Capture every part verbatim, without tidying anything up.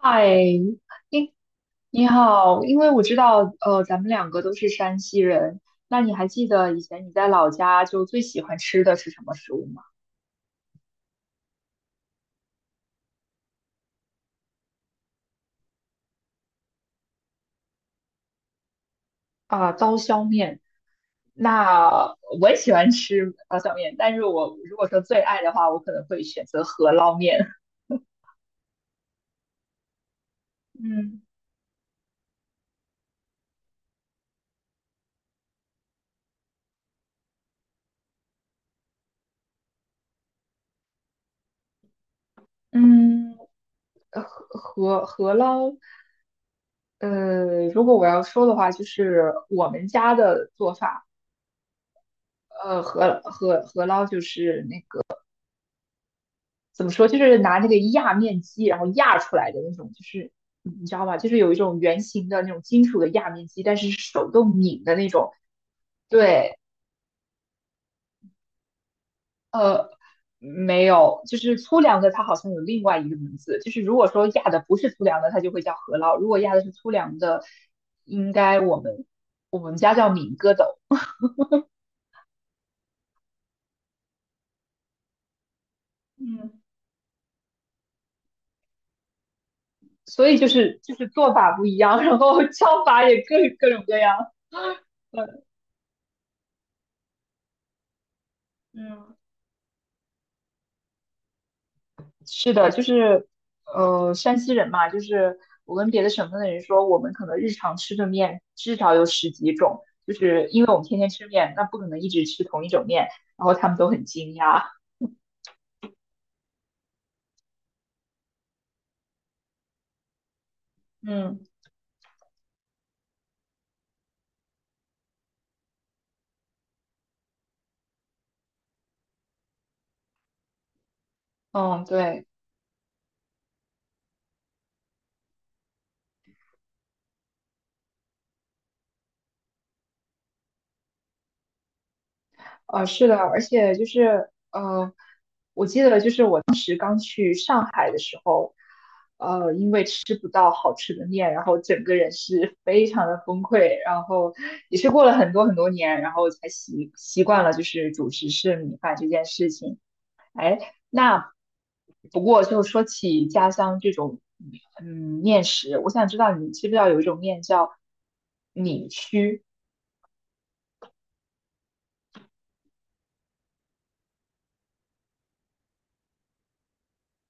嗨，你你好，因为我知道，呃，咱们两个都是山西人，那你还记得以前你在老家就最喜欢吃的是什么食物吗？啊，刀削面。那我也喜欢吃刀削面，但是我如果说最爱的话，我可能会选择饸饹面。嗯嗯，呃饸饸饸饹，呃，如果我要说的话，就是我们家的做法，呃，饸饸饸饹就是那怎么说，就是拿那个压面机，然后压出来的那种，就是你知道吧，就是有一种圆形的那种金属的压面机，但是手动拧的那种。对，没有，就是粗粮的，它好像有另外一个名字，就是如果说压的不是粗粮的，它就会叫饸烙；如果压的是粗粮的，应该我们我们家叫敏疙斗。嗯，所以就是就是做法不一样，然后 叫法也各各种各样。嗯。嗯，是的，就是呃，山西人嘛，就是我跟别的省份的人说，我们可能日常吃的面至少有十几种，就是因为我们天天吃面，那不可能一直吃同一种面，然后他们都很惊讶。嗯嗯，对。呃，是的，而且就是呃，我记得就是我当时刚去上海的时候，呃，因为吃不到好吃的面，然后整个人是非常的崩溃，然后也是过了很多很多年，然后才习习惯了就是主食是米饭这件事情。哎，那不过就说起家乡这种嗯面食，我想知道你知不知道有一种面叫米须，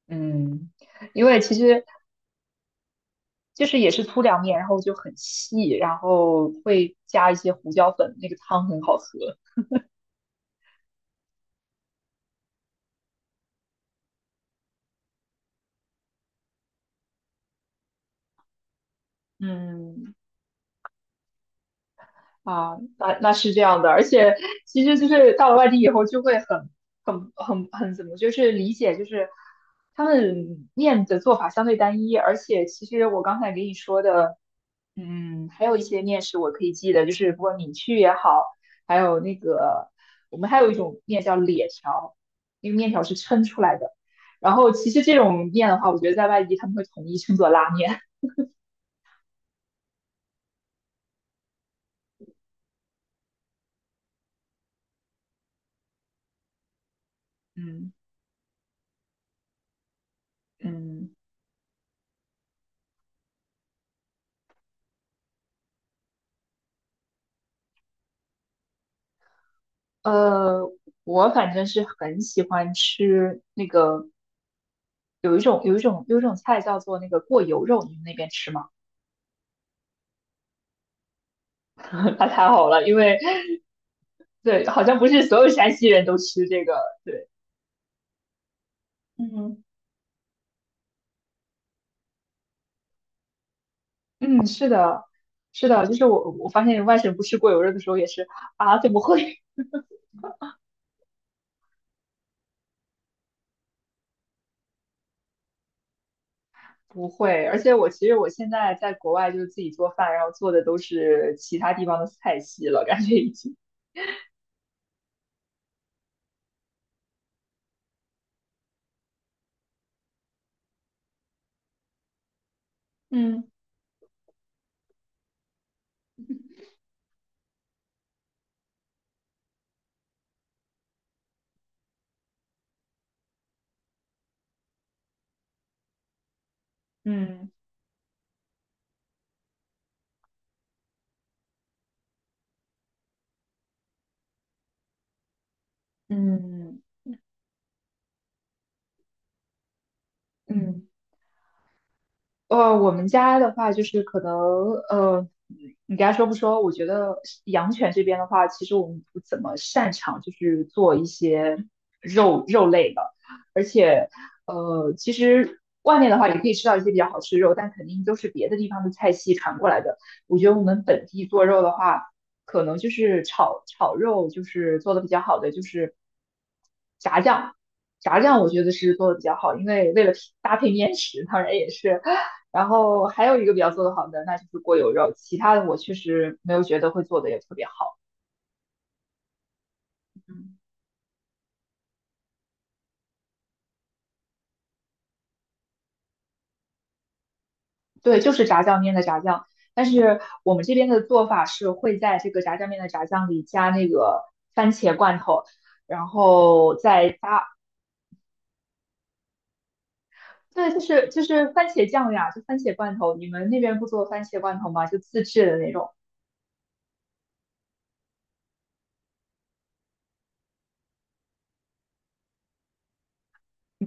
嗯。因为其实就是也是粗粮面，然后就很细，然后会加一些胡椒粉，那个汤很好喝。嗯，啊，那那是这样的，而且其实就是到了外地以后，就会很很很很怎么，就是理解，就是他们面的做法相对单一，而且其实我刚才给你说的，嗯，还有一些面食我可以记得，就是不管米剧也好，还有那个我们还有一种面叫咧条，那个面条是抻出来的，然后其实这种面的话，我觉得在外地他们会统一称作拉面，嗯嗯。呃，我反正是很喜欢吃那个，有一种有一种有一种菜叫做那个过油肉，你们那边吃吗？它太好了，因为对，好像不是所有山西人都吃这个。对，嗯，嗯，是的，是的，就是我我发现外省不吃过油肉的时候也是啊，怎么会？不会，而且我其实我现在在国外就是自己做饭，然后做的都是其他地方的菜系了，感觉已经。嗯嗯嗯嗯，嗯，呃，我们家的话就是可能，呃，你该说不说？我觉得养犬这边的话，其实我们不怎么擅长，就是做一些肉肉类的，而且，呃，其实外面的话也可以吃到一些比较好吃的肉，但肯定都是别的地方的菜系传过来的。我觉得我们本地做肉的话，可能就是炒炒肉，就是做的比较好的，就是炸酱。炸酱我觉得是做的比较好，因为为了搭配面食，当然也是然后还有一个比较做得好的，那就是过油肉，其他的我确实没有觉得会做的也特别好。嗯，对，就是炸酱面的炸酱，但是我们这边的做法是会在这个炸酱面的炸酱里加那个番茄罐头，然后再加，对，就是就是番茄酱呀，就番茄罐头。你们那边不做番茄罐头吗？就自制的那种。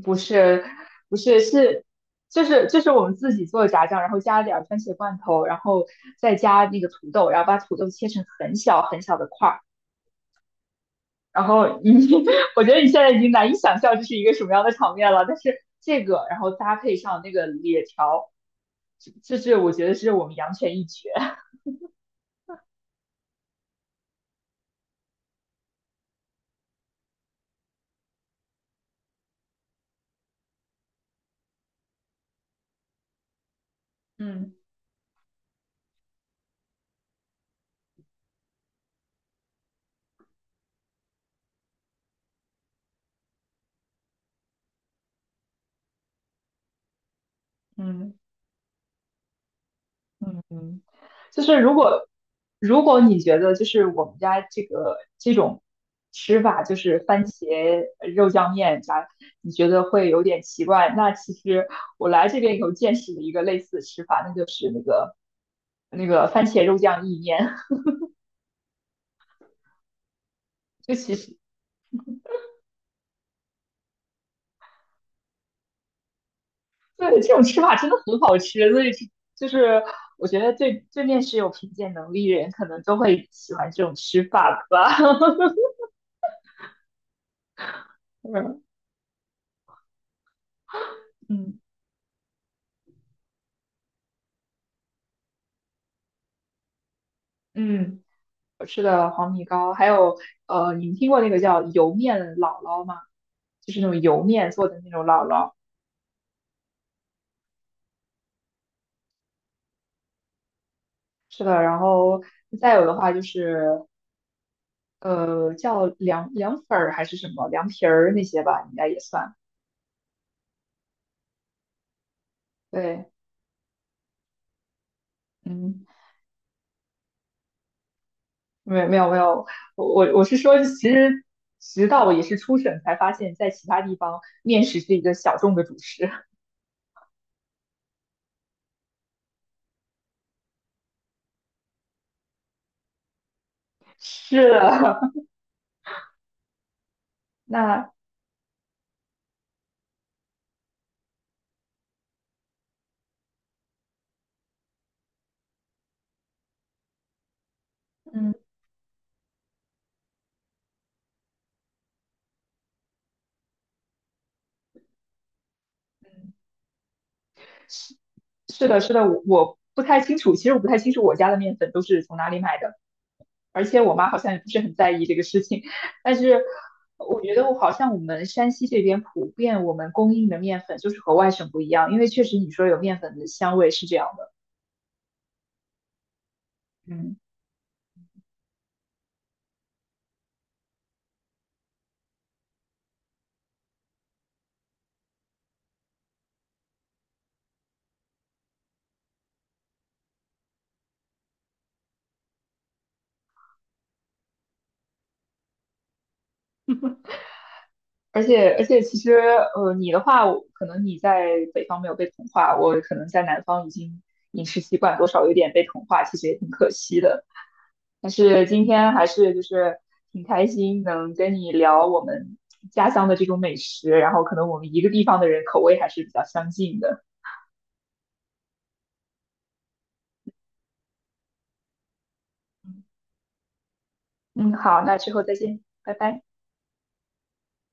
不是，不是，是，就是就是我们自己做的炸酱，然后加了点儿番茄罐头，然后再加那个土豆，然后把土豆切成很小很小的块儿。然后你，我觉得你现在已经难以想象这是一个什么样的场面了。但是这个，然后搭配上那个野条，这这是我觉得是我们阳泉一绝。嗯嗯。嗯，就是如果如果你觉得就是我们家这个这种吃法，就是番茄呃肉酱面啥，你觉得会有点奇怪，那其实我来这边以后见识了一个类似的吃法，那就是那个那个番茄肉酱意面，就其实对这种吃法真的很好吃，所以就就是我觉得对对面食有品鉴能力的人，可能都会喜欢这种吃法吧。嗯嗯。嗯。我吃的黄米糕，还有呃，你们听过那个叫油面姥姥吗？就是那种油面做的那种姥姥，是的。然后再有的话就是呃，叫凉凉粉儿还是什么凉皮儿那些吧，应该也算。对，嗯，没有没有没有，我我我是说，其实直到我也是出省才发现，在其他地方面食是一个小众的主食。是的，那嗯。是的，是的，我我不太清楚，其实我不太清楚我家的面粉都是从哪里买的，而且我妈好像也不是很在意这个事情，但是我觉得我好像我们山西这边普遍我们供应的面粉就是和外省不一样，因为确实你说有面粉的香味是这样的，嗯，而且而且其实呃你的话，我可能你在北方没有被同化，我可能在南方已经饮食习惯多少有点被同化，其实也挺可惜的。但是今天还是就是挺开心能跟你聊我们家乡的这种美食，然后可能我们一个地方的人口味还是比较相近的。嗯，好，那之后再见，拜拜。